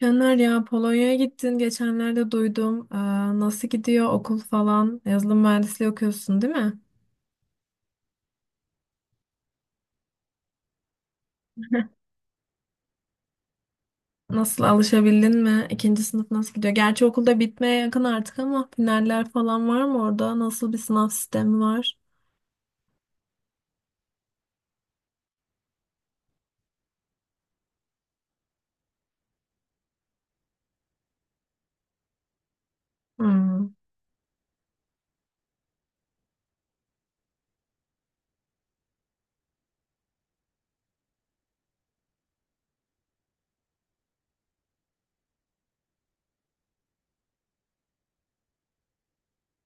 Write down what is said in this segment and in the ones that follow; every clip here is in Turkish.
Caner ya Polonya'ya gittin geçenlerde duydum. Aa, nasıl gidiyor okul falan? Yazılım mühendisliği okuyorsun değil mi? Nasıl alışabildin mi? İkinci sınıf nasıl gidiyor? Gerçi okulda bitmeye yakın artık ama finaller falan var mı orada? Nasıl bir sınav sistemi var? Hmm.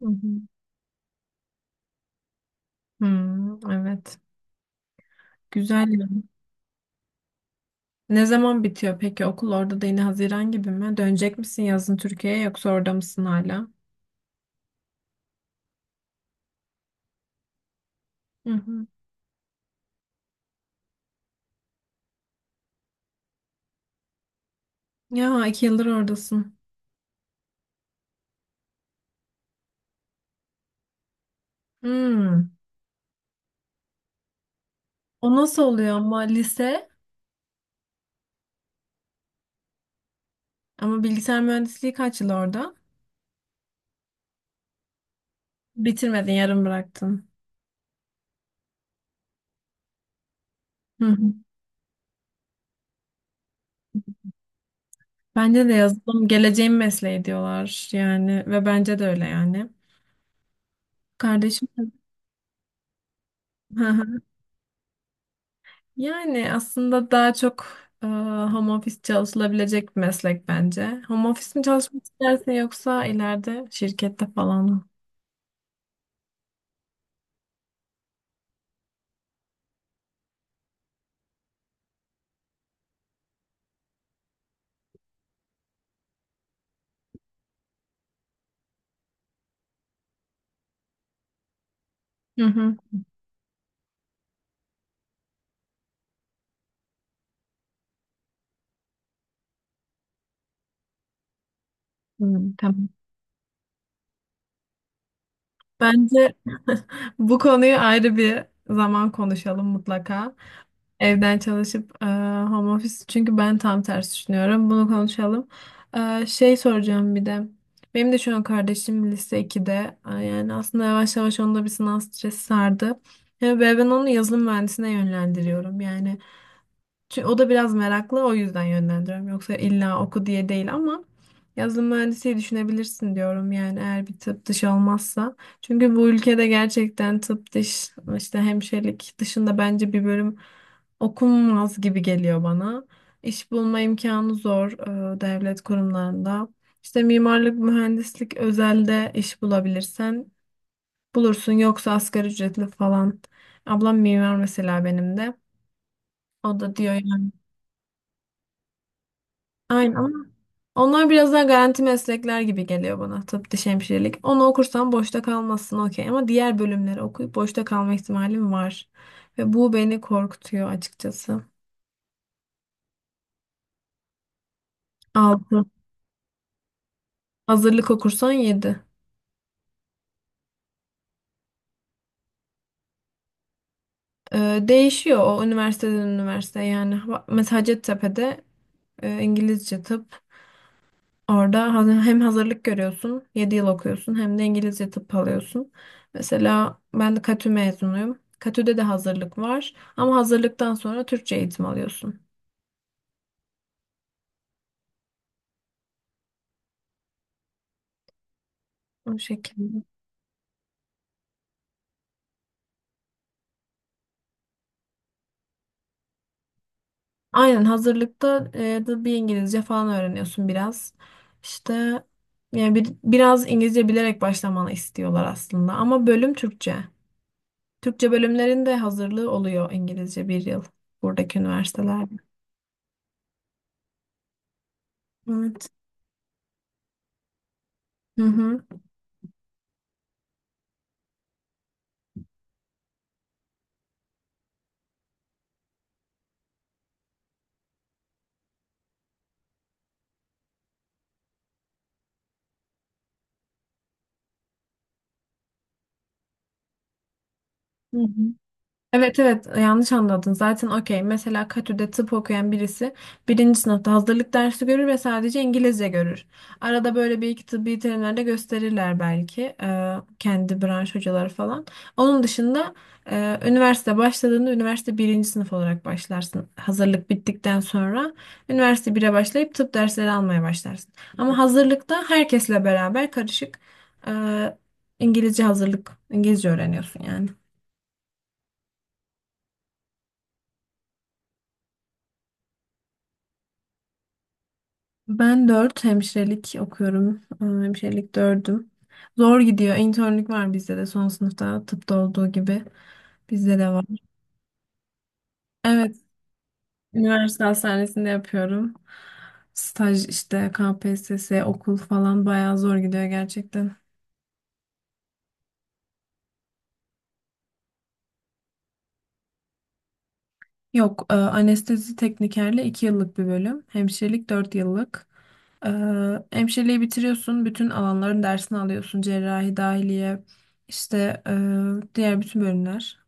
Hı hı. Hmm, evet. Güzel ya. Ne zaman bitiyor peki okul orada da yine Haziran gibi mi? Dönecek misin yazın Türkiye'ye yoksa orada mısın hala? Hı hı. Ya iki yıldır oradasın. Hmm. O nasıl oluyor ama lise? Ama bilgisayar mühendisliği kaç yıl orada? Bitirmedin, yarım bıraktın. Hı hı. Bence de yazılım geleceğin mesleği diyorlar yani ve bence de öyle yani. Kardeşim. Hı hı. Yani aslında daha çok home office çalışılabilecek bir meslek bence. Home office mi çalışmak istersin yoksa ileride şirkette falan mı? Hı hı. Hı, tamam. Bence bu konuyu ayrı bir zaman konuşalım mutlaka. Evden çalışıp home office çünkü ben tam tersi düşünüyorum. Bunu konuşalım. Şey soracağım bir de. Benim de şu an kardeşim lise 2'de. Yani aslında yavaş yavaş onda bir sınav stresi sardı. Ve ben onu yazılım mühendisine yönlendiriyorum. Yani o da biraz meraklı o yüzden yönlendiriyorum. Yoksa illa oku diye değil ama yazılım mühendisliği düşünebilirsin diyorum yani eğer bir tıp dışı olmazsa. Çünkü bu ülkede gerçekten tıp dış işte hemşirelik dışında bence bir bölüm okunmaz gibi geliyor bana. İş bulma imkanı zor devlet kurumlarında. İşte mimarlık, mühendislik özelde iş bulabilirsen bulursun yoksa asgari ücretli falan. Ablam mimar mesela benim de. O da diyor. Aynen, ama onlar biraz daha garanti meslekler gibi geliyor bana. Tıp, diş hemşirelik. Onu okursan boşta kalmazsın okey. Ama diğer bölümleri okuyup boşta kalma ihtimalim var. Ve bu beni korkutuyor açıkçası. Altı. Hazırlık okursan 7. Değişiyor o üniversiteden üniversiteye yani. Bak, mesela Hacettepe'de İngilizce tıp. Orada hani hem hazırlık görüyorsun, 7 yıl okuyorsun hem de İngilizce tıp alıyorsun. Mesela ben de KTÜ mezunuyum. KTÜ'de de hazırlık var ama hazırlıktan sonra Türkçe eğitim alıyorsun. O şekilde. Aynen hazırlıkta da bir İngilizce falan öğreniyorsun biraz. İşte yani biraz İngilizce bilerek başlamanı istiyorlar aslında ama bölüm Türkçe. Türkçe bölümlerin de hazırlığı oluyor İngilizce bir yıl buradaki üniversitelerde. Evet. Hı hı. Hı hı. Evet, evet, yanlış anladın zaten okey mesela Katü'de tıp okuyan birisi birinci sınıfta hazırlık dersi görür ve sadece İngilizce görür. Arada böyle bir iki tıbbi terimler de gösterirler belki kendi branş hocaları falan. Onun dışında üniversite başladığında üniversite birinci sınıf olarak başlarsın. Hazırlık bittikten sonra üniversite bire başlayıp tıp dersleri almaya başlarsın. Ama hazırlıkta herkesle beraber karışık e, İngilizce hazırlık İngilizce öğreniyorsun yani. Ben dört hemşirelik okuyorum. Hemşirelik dördüm. Zor gidiyor. İnternlük var bizde de son sınıfta tıpta olduğu gibi. Bizde de var. Evet, üniversite hastanesinde yapıyorum. Staj işte KPSS, okul falan bayağı zor gidiyor gerçekten. Yok, anestezi teknikerle 2 yıllık bir bölüm, hemşirelik 4 yıllık. E, hemşireliği bitiriyorsun, bütün alanların dersini alıyorsun. Cerrahi, dahiliye, işte diğer bütün bölümler.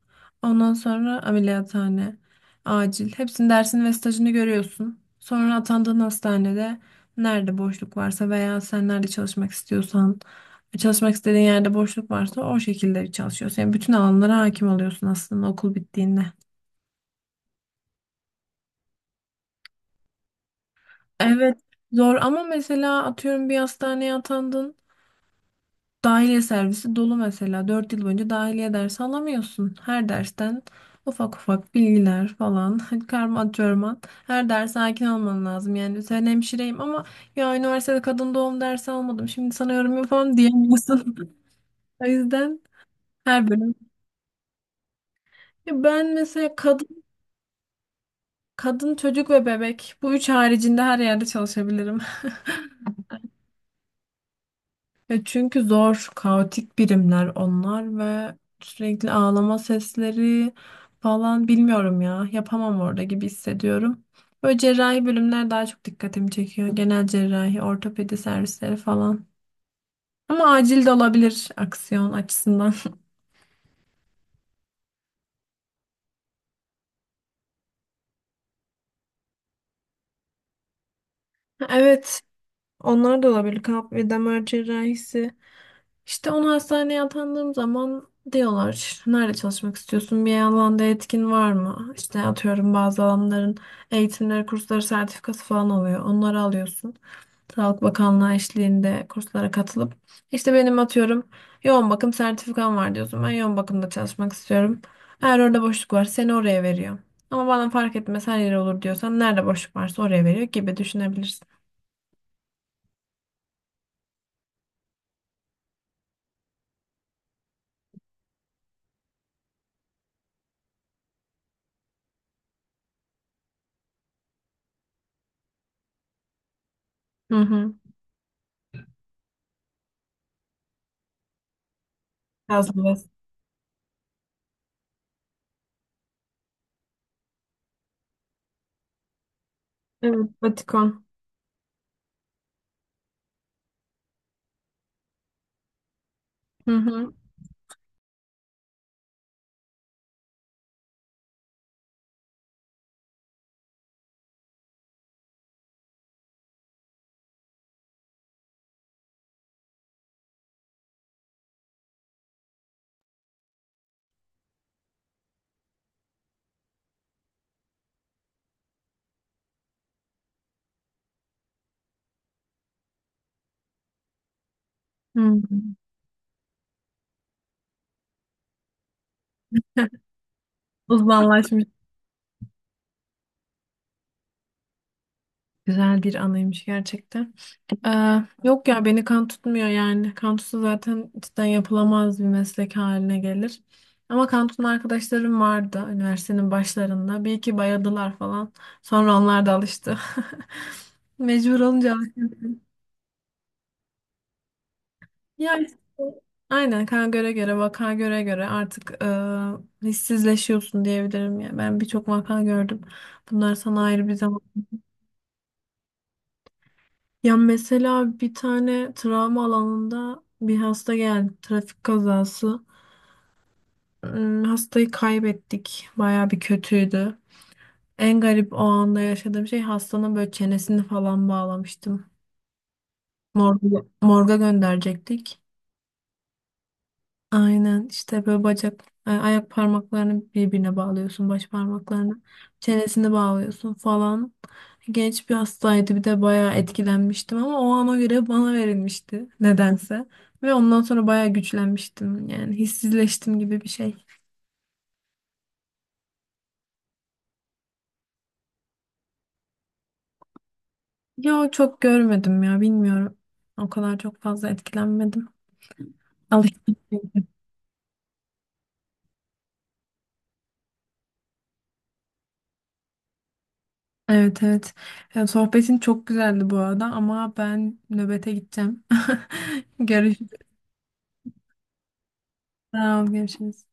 Ondan sonra ameliyathane, acil. Hepsinin dersini ve stajını görüyorsun. Sonra atandığın hastanede nerede boşluk varsa veya sen nerede çalışmak istiyorsan, çalışmak istediğin yerde boşluk varsa o şekilde çalışıyorsun. Yani bütün alanlara hakim oluyorsun aslında okul bittiğinde. Evet, zor ama mesela atıyorum bir hastaneye atandın. Dahiliye servisi dolu mesela. 4 yıl boyunca dahiliye dersi alamıyorsun. Her dersten ufak ufak bilgiler falan karma çorman. Her derse hakim olman lazım. Yani sen hemşireyim ama ya üniversitede kadın doğum dersi almadım. Şimdi sana yorum yapamam diyemiyorsun. O yüzden her bölüm. Ya, ben mesela kadın çocuk ve bebek bu üç haricinde her yerde çalışabilirim. Ya çünkü zor, kaotik birimler onlar ve sürekli ağlama sesleri falan bilmiyorum ya. Yapamam orada gibi hissediyorum. Böyle cerrahi bölümler daha çok dikkatimi çekiyor. Genel cerrahi, ortopedi servisleri falan. Ama acil de olabilir aksiyon açısından. Evet, onlar da olabilir. Kalp ve damar cerrahisi. İşte onu hastaneye atandığım zaman diyorlar nerede çalışmak istiyorsun bir alanda etkin var mı? İşte atıyorum bazı alanların eğitimleri, kursları, sertifikası falan oluyor. Onları alıyorsun. Sağlık Bakanlığı eşliğinde kurslara katılıp işte benim atıyorum yoğun bakım sertifikam var diyorsun. Ben yoğun bakımda çalışmak istiyorum. Eğer orada boşluk var seni oraya veriyor. Ama bana fark etmez her yere olur diyorsan nerede boşluk varsa oraya veriyor gibi düşünebilirsin. Hı hı. Biraz. Evet, Vatikan. Hı hı. Hı hı. Uzmanlaşmış. Güzel bir anıymış gerçekten. Yok ya beni kan tutmuyor yani. Kan tutsa zaten cidden yapılamaz bir meslek haline gelir. Ama kan tutan arkadaşlarım vardı üniversitenin başlarında. Bir iki bayadılar falan. Sonra onlar da alıştı. Mecbur olunca alıştı. Ya işte, aynen kan göre göre vaka göre göre artık hissizleşiyorsun diyebilirim ya. Ben birçok vaka gördüm. Bunlar sana ayrı bir zaman. Ya mesela bir tane travma alanında bir hasta geldi. Trafik kazası. Hastayı kaybettik. Baya bir kötüydü. En garip o anda yaşadığım şey hastanın böyle çenesini falan bağlamıştım. Morga, morga gönderecektik. Aynen işte böyle ayak parmaklarını birbirine bağlıyorsun, baş parmaklarını, çenesini bağlıyorsun falan. Genç bir hastaydı bir de bayağı etkilenmiştim ama o ana göre bana verilmişti nedense. Ve ondan sonra bayağı güçlenmiştim yani hissizleştim gibi bir şey. Yo çok görmedim ya bilmiyorum. O kadar çok fazla etkilenmedim. Alıştım çünkü. Evet, evet. Ya, sohbetin çok güzeldi bu arada ama ben nöbete gideceğim. Görüşürüz. Sağ ol, görüşürüz.